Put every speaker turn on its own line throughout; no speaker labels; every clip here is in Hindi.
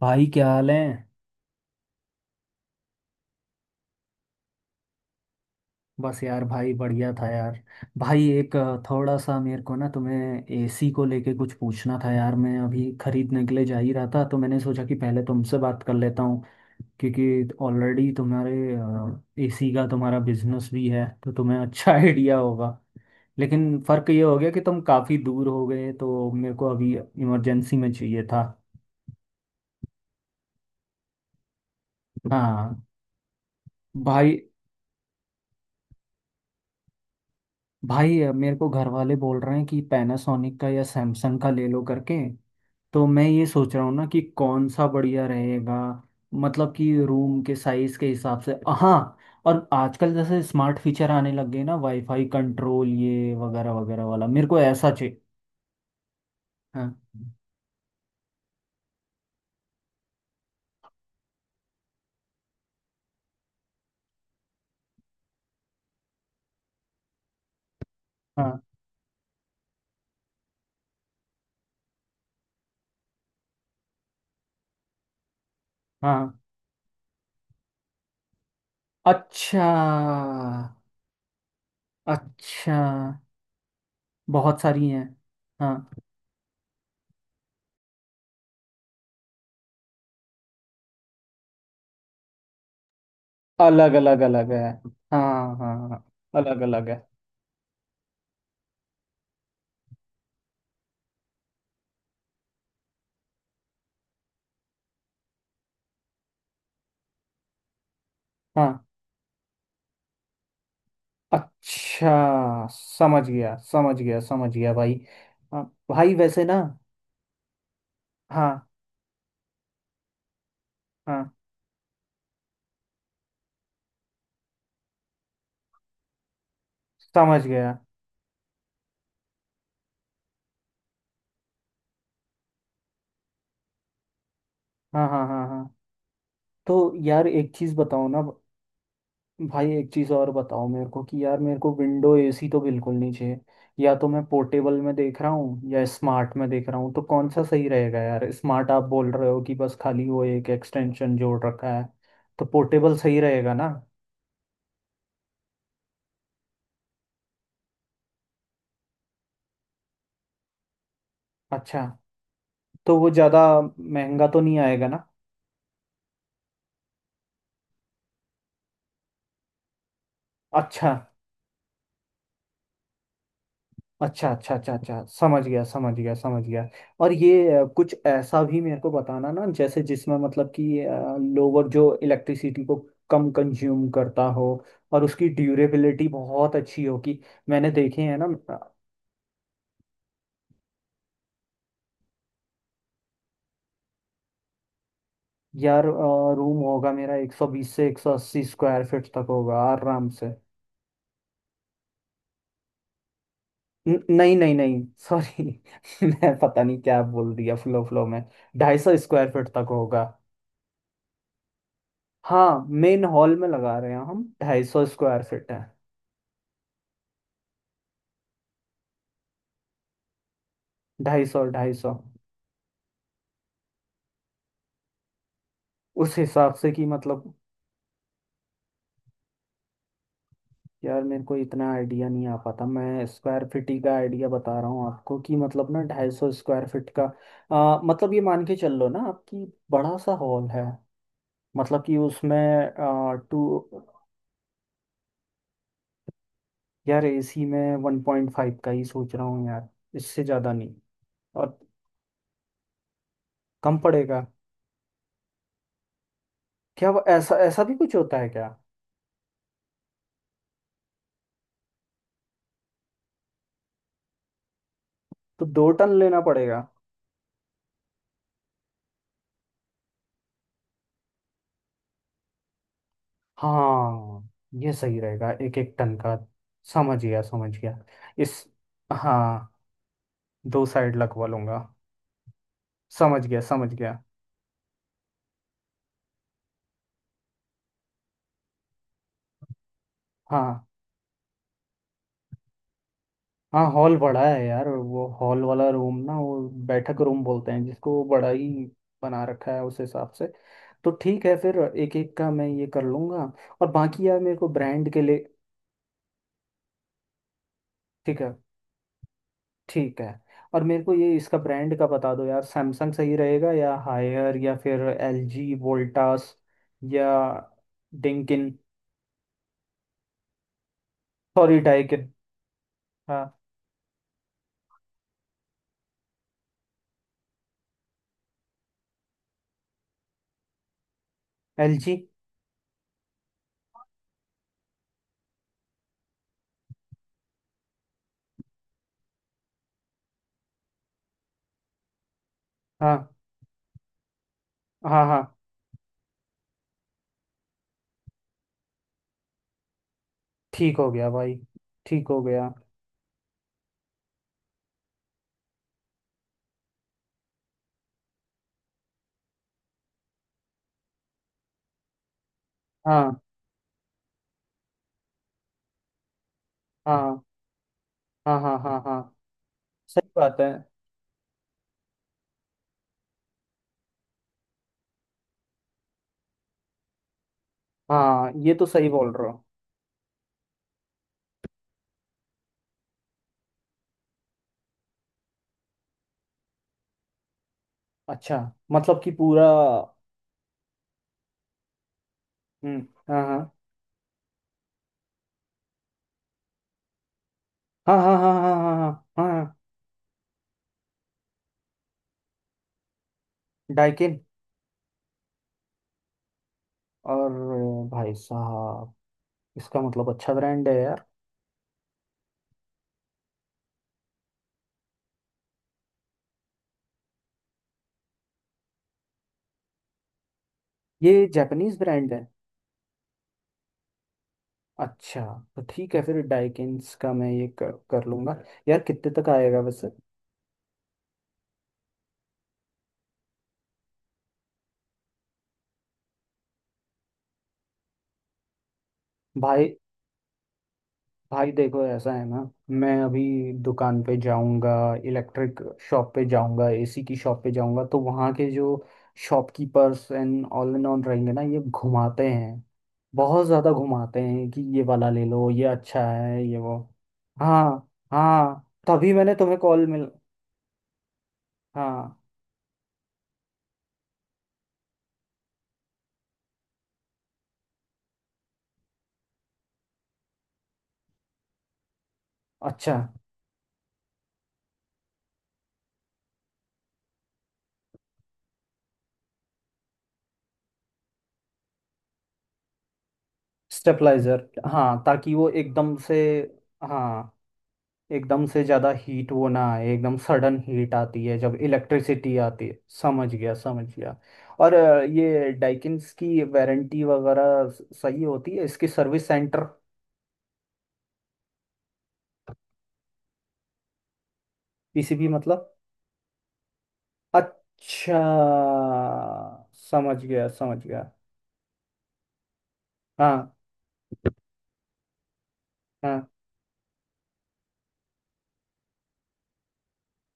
भाई क्या हाल है। बस यार भाई बढ़िया था यार। भाई एक थोड़ा सा मेरे को ना तुम्हें एसी को लेके कुछ पूछना था यार, मैं अभी खरीदने के लिए जा ही रहा था तो मैंने सोचा कि पहले तुमसे बात कर लेता हूँ। क्योंकि ऑलरेडी तुम्हारे एसी का तुम्हारा बिजनेस भी है तो तुम्हें अच्छा आइडिया होगा। लेकिन फ़र्क ये हो गया कि तुम काफ़ी दूर हो गए तो मेरे को अभी इमरजेंसी में चाहिए था। हाँ। भाई भाई मेरे को घर वाले बोल रहे हैं कि पैनासोनिक का या सैमसंग का ले लो करके। तो मैं ये सोच रहा हूँ ना कि कौन सा बढ़िया रहेगा, मतलब कि रूम के साइज के हिसाब से। हाँ। और आजकल जैसे स्मार्ट फीचर आने लग गए ना, वाईफाई कंट्रोल ये वगैरह वगैरह वाला, मेरे को ऐसा चाहिए। हाँ। हाँ। हाँ। अच्छा। अच्छा। बहुत सारी हैं। हाँ। अलग अलग अलग है। हाँ हाँ। अलग अलग है। हाँ। अच्छा। समझ गया, समझ गया, समझ गया भाई। हाँ। भाई वैसे ना। हाँ। हाँ। समझ गया। हाँ हाँ हाँ हाँ। तो यार एक चीज़ बताओ ना। भाई एक चीज़ और बताओ मेरे को कि यार, मेरे को विंडो एसी तो बिल्कुल नहीं चाहिए। या तो मैं पोर्टेबल में देख रहा हूँ या स्मार्ट में देख रहा हूँ, तो कौन सा सही रहेगा यार? स्मार्ट आप बोल रहे हो कि बस खाली वो एक एक्सटेंशन जोड़ रखा है, तो पोर्टेबल सही रहेगा ना? अच्छा। तो वो ज़्यादा महंगा तो नहीं आएगा ना? अच्छा, अच्छा, अच्छा, अच्छा, अच्छा, समझ गया, समझ गया, समझ गया। और ये कुछ ऐसा भी मेरे को बताना ना, जैसे जिसमें मतलब कि लोअर जो इलेक्ट्रिसिटी को कम कंज्यूम करता हो, और उसकी ड्यूरेबिलिटी बहुत अच्छी हो कि मैंने देखे हैं ना। अ, यार रूम होगा मेरा 120 से 180 स्क्वायर फीट तक होगा आराम से। नहीं नहीं नहीं, सॉरी। मैं पता नहीं क्या बोल दिया फ्लो फ्लो में। ढाई सौ स्क्वायर फीट तक होगा। हाँ, मेन हॉल में लगा रहे हैं हम, 250 स्क्वायर फीट है। ढाई सौ, ढाई सौ। उस हिसाब से कि मतलब। यार मेरे को इतना आइडिया नहीं आ पाता, मैं स्क्वायर फीट ही का आइडिया बता रहा हूँ आपको कि मतलब ना 250 स्क्वायर फीट का। मतलब ये मान के चल लो ना आपकी, बड़ा सा हॉल है। मतलब कि उसमें आ, टू यार एसी में 1.5 का ही सोच रहा हूँ यार, इससे ज़्यादा नहीं। और कम पड़ेगा? क्या वो ऐसा ऐसा भी कुछ होता है क्या? तो 2 टन लेना पड़ेगा। हाँ ये सही रहेगा एक एक टन का। समझ गया, समझ गया। इस। हाँ, दो साइड लगवा लूंगा। समझ गया, समझ गया। हाँ। हाँ हॉल बड़ा है यार, वो हॉल वाला रूम ना वो बैठक रूम बोलते हैं जिसको, वो बड़ा ही बना रखा है उस हिसाब से। तो ठीक है फिर एक एक का मैं ये कर लूंगा। और बाकी यार मेरे को ब्रांड के लिए। ठीक है। ठीक है। और मेरे को ये इसका ब्रांड का बता दो यार, सैमसंग सही रहेगा या हायर या फिर एलजी, वोल्टास या डिंकिन। Sorry, Daikin. हाँ। एलजी। हाँ हाँ हाँ। ठीक हो गया भाई। ठीक हो गया। हाँ हाँ हाँ हाँ हाँ हाँ। सही बात है। हाँ ये तो सही बोल रहे हो। अच्छा, मतलब कि पूरा। हम्म। हाँ हाँ हाँ हाँ हाँ हाँ हाँ हाँ। हाँ। डाइकिन। और भाई साहब, इसका मतलब अच्छा ब्रांड है यार। ये जापानीज ब्रांड है? अच्छा। तो ठीक है फिर डाइकिन्स का मैं ये कर लूंगा। यार कितने तक आएगा वैसे? भाई। भाई देखो ऐसा है ना, मैं अभी दुकान पे जाऊंगा, इलेक्ट्रिक शॉप पे जाऊंगा, एसी की शॉप पे जाऊंगा, तो वहाँ के जो शॉपकीपर्स एंड ऑल रहेंगे ना, ये घुमाते हैं। बहुत ज़्यादा घुमाते हैं कि ये वाला ले लो, ये अच्छा है, ये वो। हाँ हाँ तभी मैंने तुम्हें कॉल मिल। हाँ। अच्छा, स्टेबलाइजर। हाँ, ताकि वो एकदम से। हाँ, एकदम से ज़्यादा हीट वो ना आए, एकदम सडन हीट आती है जब इलेक्ट्रिसिटी आती है। समझ गया, समझ गया। और ये डाइकिन्स की वारंटी वगैरह सही होती है? इसकी सर्विस सेंटर? पीसीबी मतलब? अच्छा, समझ गया, समझ गया। हाँ। हाँ।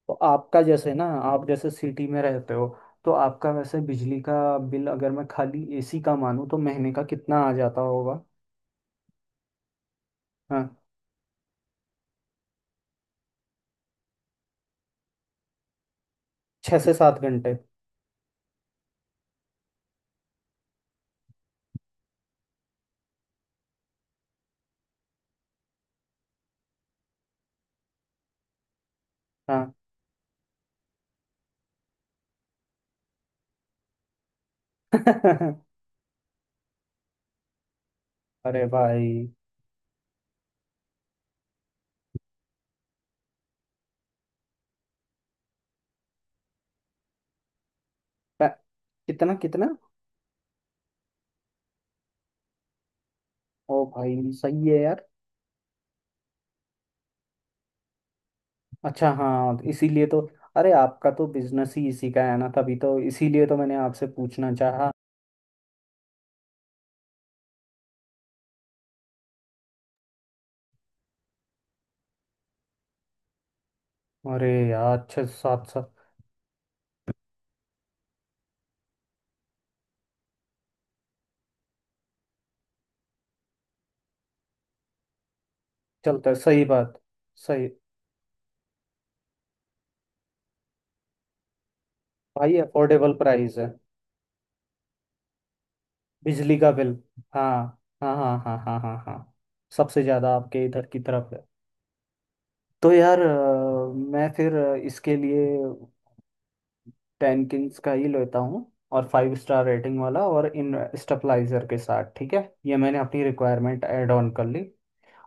तो आपका जैसे ना, आप जैसे सिटी में रहते हो, तो आपका वैसे बिजली का बिल अगर मैं खाली एसी का मानूं तो महीने का कितना आ जाता होगा? हाँ। 6 से 7 घंटे। हाँ। अरे भाई। प-। कितना, कितना? ओ भाई सही है यार। अच्छा, हाँ इसीलिए तो। अरे आपका तो बिजनेस ही इसी का है ना, तभी तो, इसीलिए तो मैंने आपसे पूछना चाहा। अरे यार, छः सात सात। चलता है, सही बात। सही। भाई अफोर्डेबल प्राइस है। बिजली का बिल। हाँ हाँ हाँ हाँ हाँ हाँ हाँ। सबसे ज़्यादा आपके इधर की तरफ है। तो यार मैं फिर इसके लिए टेन किंग्स का ही लेता हूँ। और 5 स्टार रेटिंग वाला और इन स्टेबलाइजर के साथ। ठीक है, ये मैंने अपनी रिक्वायरमेंट ऐड ऑन कर ली।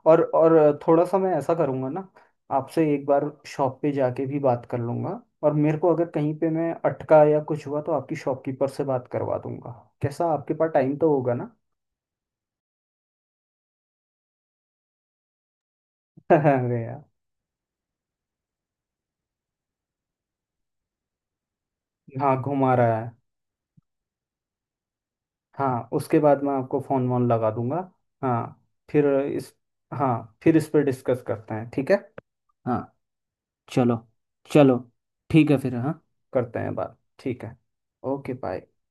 और थोड़ा सा मैं ऐसा करूँगा ना, आपसे एक बार शॉप पे जाके भी बात कर लूँगा, और मेरे को अगर कहीं पे मैं अटका या कुछ हुआ तो आपकी शॉपकीपर से बात करवा दूंगा। कैसा, आपके पास टाइम तो होगा ना? अरे यार। हाँ, घुमा रहा है। हाँ उसके बाद मैं आपको फोन वोन लगा दूंगा। हाँ। फिर। इस। हाँ फिर इस पर डिस्कस करते हैं, ठीक है। हाँ। चलो। चलो। ठीक है फिर, हाँ। करते हैं बात, ठीक है। Okay bye.